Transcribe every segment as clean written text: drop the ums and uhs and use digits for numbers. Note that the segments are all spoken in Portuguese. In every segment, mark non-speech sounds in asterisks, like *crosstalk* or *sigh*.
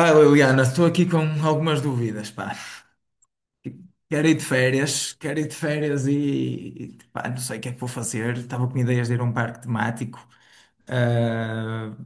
Ah, Liliana, estou aqui com algumas dúvidas, pá. Quero ir de férias, quero ir de férias pá, não sei o que é que vou fazer. Estava com ideias de ir a um parque temático, ah,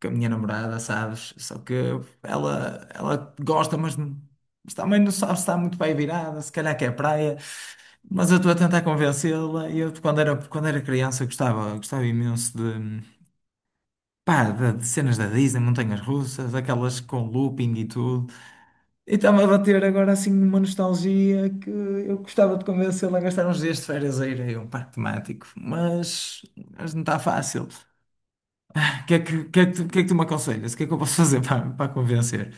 com a minha namorada, sabes? Só que ela gosta, mas, mas também não sabe se está muito bem virada, se calhar quer praia. Mas eu estou a tentar convencê-la. Eu, quando era criança, eu gostava imenso de cenas da Disney, montanhas russas, aquelas com looping e tudo. E estava a bater agora assim uma nostalgia que eu gostava de convencê-lo a gastar uns dias de férias a ir aí a um parque temático, mas não está fácil. O que é que, o que é que tu, o que é que tu me aconselhas? O que é que eu posso fazer *laughs* para convencer?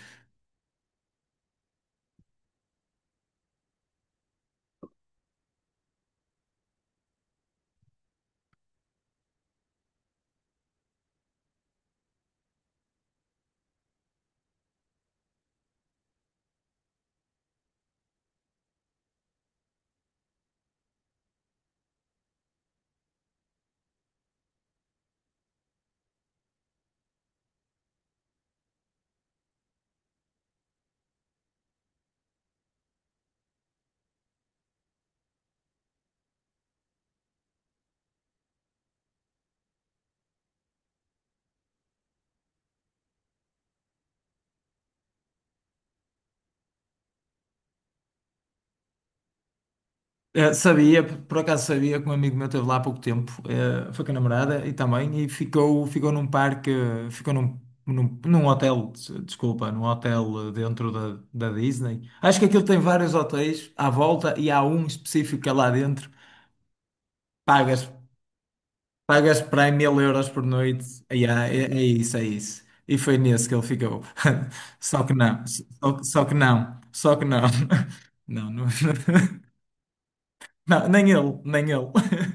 Sabia, por acaso sabia que um amigo meu esteve lá há pouco tempo, foi com a namorada e também, e ficou num parque, num hotel, desculpa, num hotel dentro da Disney. Acho que aquilo tem vários hotéis à volta e há um específico que é lá dentro. Pagas. Pagas para 1000 euros por noite. Yeah, é isso, é isso. E foi nesse que ele ficou. *laughs* Só que não, só que não, só que não. *laughs* Não, não, *laughs* não, nem ele, nem ele. *laughs*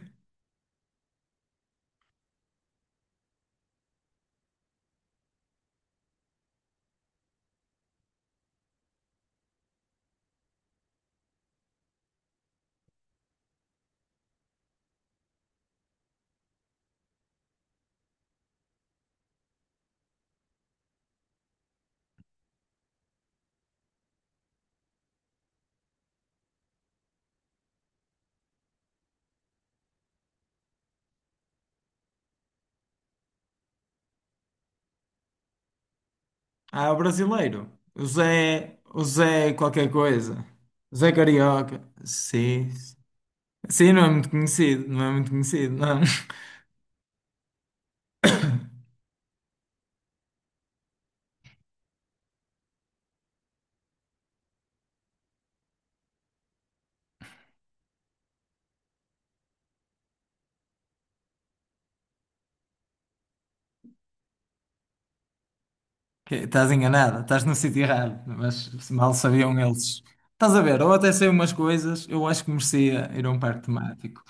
Ah, o brasileiro. O Zé qualquer coisa. Zé Carioca. Sim. Sim, não é muito conhecido, não é muito conhecido, não. *laughs* Estás enganada, estás no sítio errado, mas mal sabiam eles. Estás a ver, eu até sei umas coisas, eu acho que merecia ir a um parque temático.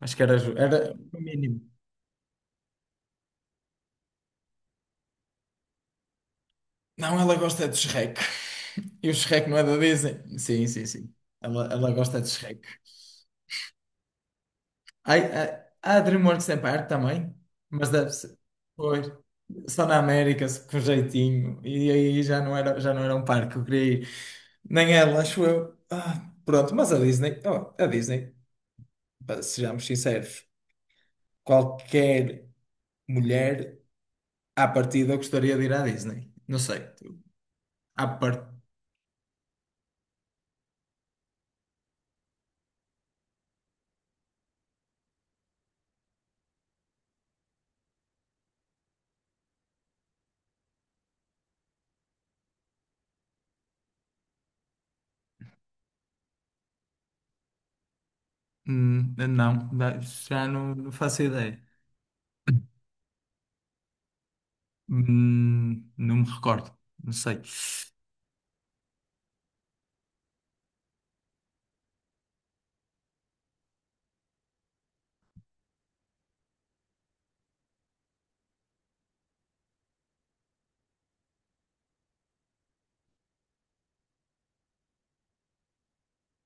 Acho que era, era o mínimo. Não, ela gosta de Shrek. E o Shrek não é da Disney? Sim, sim, sim. Ela gosta de Shrek. Ai, a DreamWorks tem parte também, mas deve ser. Pois. Só na América, com jeitinho. E aí já não era um parque que eu queria ir. Nem ela, acho eu. Ah, pronto, mas a Disney, oh, a Disney, pá, sejamos sinceros, qualquer mulher à partida gostaria de ir à Disney. Não sei. À partida. Não, já não, não faço ideia. Não me recordo, não sei.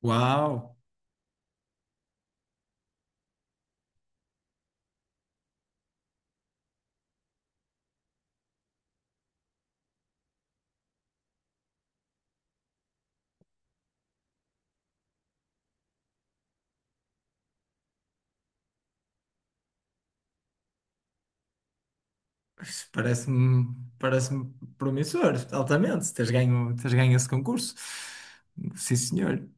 Uau, isto parece-me parece-me promissor, altamente. Teres ganho esse concurso. Sim, senhor.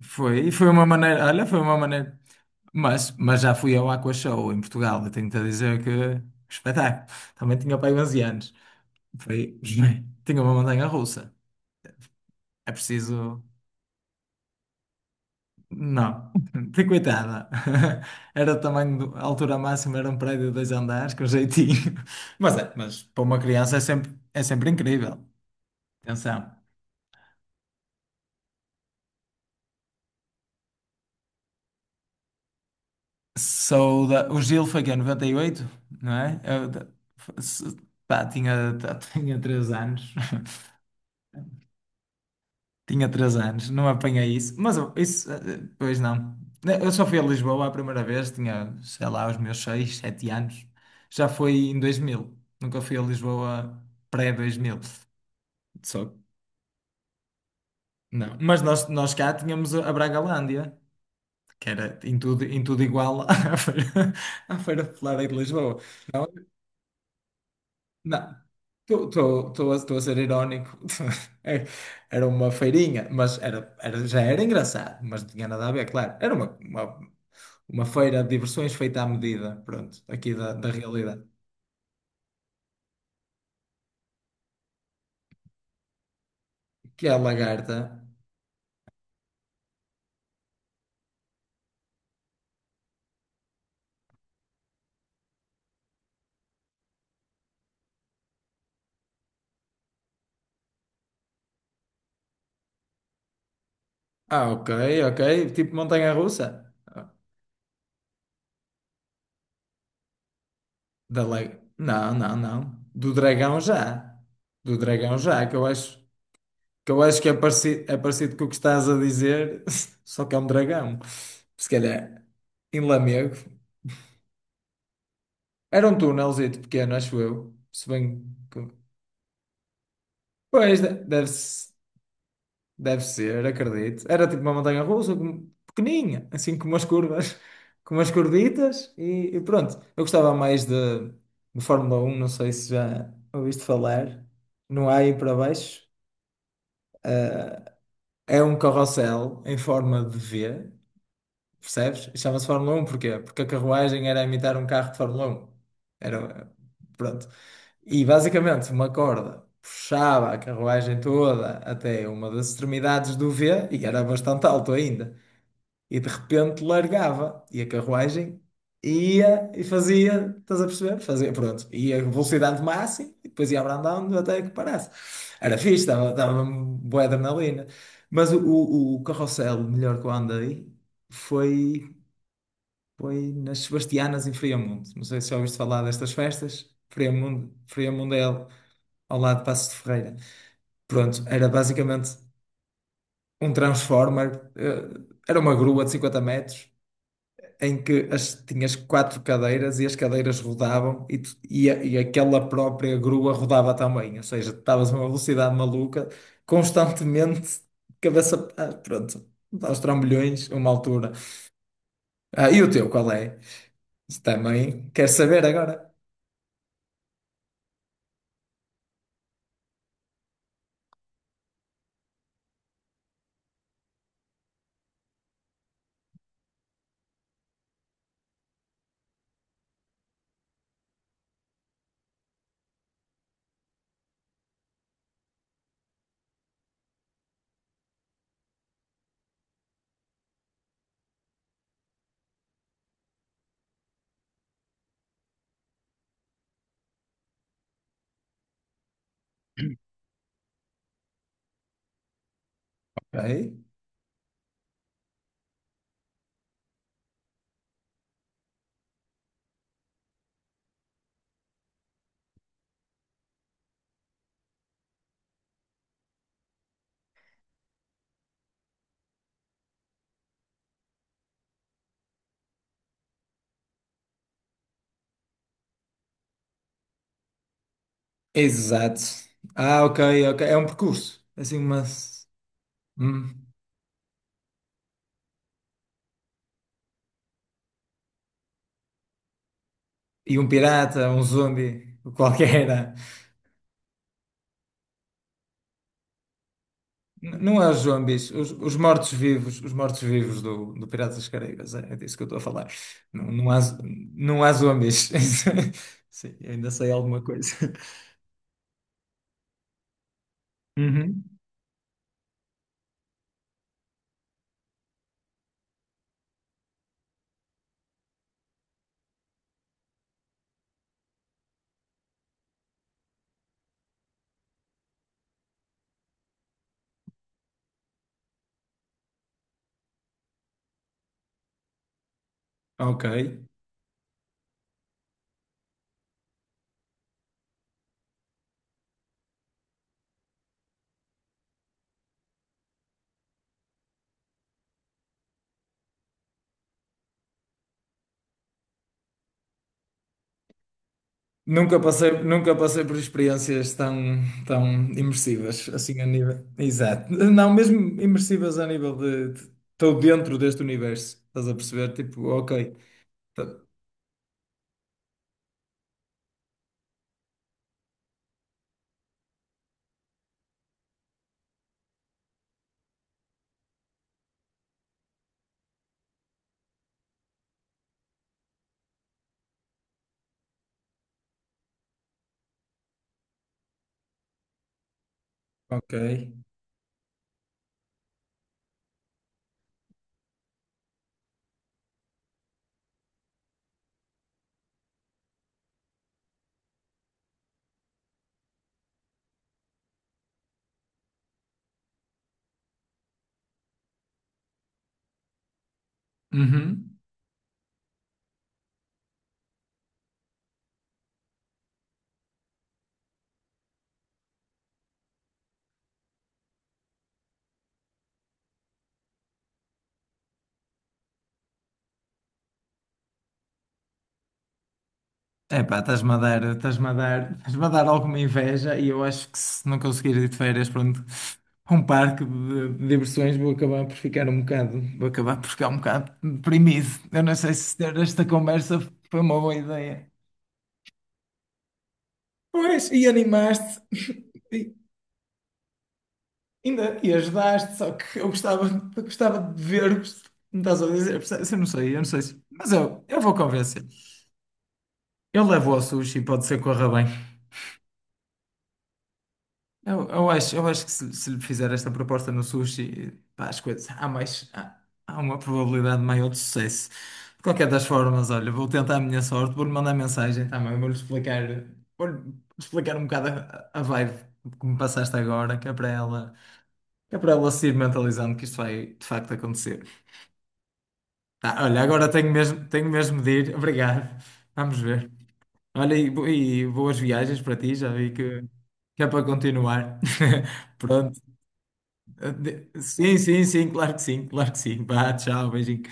Foi, e foi uma maneira, olha, foi uma maneira. Mas já fui ao Aqua Show em Portugal, eu tenho-te a dizer que espetáculo. Também tinha pai aí anos. Foi, *laughs* tinha uma montanha-russa. É preciso. Não, *laughs* tem coitada. *laughs* Era o tamanho, a altura máxima era um prédio de 2 andares, com jeitinho. *laughs* Mas é, mas para uma criança é sempre incrível. Atenção. Sou da, o Gil foi que é 98, não é? Eu, da- f- se- pá, tinha, tá, *laughs* tinha 3 anos. *laughs* Tinha três anos, não apanhei isso. Isso, pois não. Eu só fui a Lisboa a primeira vez, tinha, sei lá, os meus seis, sete anos. Já foi em 2000. Nunca fui a Lisboa pré-2000. Só, não. Nós cá tínhamos a Bragalândia, que era em tudo igual *laughs* à Feira Popular aí de Lisboa. Então, não, estou a ser irónico. *laughs* É, era uma feirinha, já era engraçado, mas não tinha nada a ver, claro. Era uma feira de diversões feita à medida, pronto, aqui da realidade. Que é a lagarta. Ah, ok, ok. Tipo montanha-russa. Da lag... Não, não, não. Do dragão já. Do dragão já, eu acho que é parecido com o que estás a dizer, *laughs* só que é um dragão. Se calhar. Em Lamego. Era um túnelzito pequeno, acho eu. Se bem que. Pois, de- deve, se- deve ser, acredito. Era tipo uma montanha russa, pequeninha, assim com umas curvas, *laughs* com umas curvitas e pronto. Eu gostava mais de Fórmula 1, não sei se já ouviste falar. Não há aí para baixo. É um carrossel em forma de V, percebes? E chama-se Fórmula 1, porquê? Porque a carruagem era imitar um carro de Fórmula 1. Era, pronto, e basicamente uma corda puxava a carruagem toda até uma das extremidades do V, e era bastante alto ainda, e de repente largava, e a carruagem ia e fazia, estás a perceber? Fazia, pronto, ia a velocidade máxima e depois ia abrandando até que parasse. Era fixe, dava boa adrenalina. Mas o carrossel melhor que eu andei foi, foi nas Sebastianas em Friamonte. Não sei se já ouviste falar destas festas. Friamonte ao lado de Paços de Ferreira. Pronto, era basicamente um transformer, era uma grua de 50 metros, em que as, tinhas 4 cadeiras e as cadeiras rodavam e aquela própria grua rodava também, ou seja, estavas a uma velocidade maluca, constantemente, cabeça, pronto, aos trambolhões, a uma altura. Ah, e o teu, qual é? Isso também quer saber agora? Ok. Exato. Ah, ok, ok. É um percurso. Assim, uma. Hum. E um pirata, um zombi, qualquer. Era. Não é os zombies, os mortos-vivos do Piratas das Caraíbas, é disso que eu estou a falar. Não, não há, não há zombies. *laughs* Sim, ainda sei alguma coisa. Uhum. Ok. Nunca passei, nunca passei por experiências tão, tão imersivas, assim a nível. Exato. Não, mesmo imersivas a nível estou dentro deste universo, estás a perceber? Tipo, ok. Tá. Ok. Uhum. Epá, estás-me a dar alguma inveja e eu acho que se não conseguir ir de férias, pronto, a um parque de diversões, vou acabar por ficar um bocado, vou acabar por ficar um bocado deprimido. Eu não sei se ter esta conversa foi uma boa ideia. Pois, e animaste, *laughs* e e ajudaste, só que eu gostava de ver-vos. Me estás a dizer, percebes? Eu não sei se. Eu vou convencer. Eu levo ao sushi, pode ser que corra bem. Eu acho que se lhe fizer esta proposta no sushi, pá, as coisas, há há uma probabilidade maior de sucesso. De qualquer das formas, olha, vou tentar a minha sorte, vou-lhe mandar mensagem também, vou-lhe explicar um bocado a vibe que me passaste agora, que é para ela se ir mentalizando que isto vai de facto acontecer. Tá, olha, agora tenho mesmo de ir, *laughs* obrigado, vamos ver. Olha, e boas viagens para ti, já vi que é para continuar. *laughs* Pronto. Sim, sim, sim, claro que sim, claro que sim. Vá, tchau, beijinho.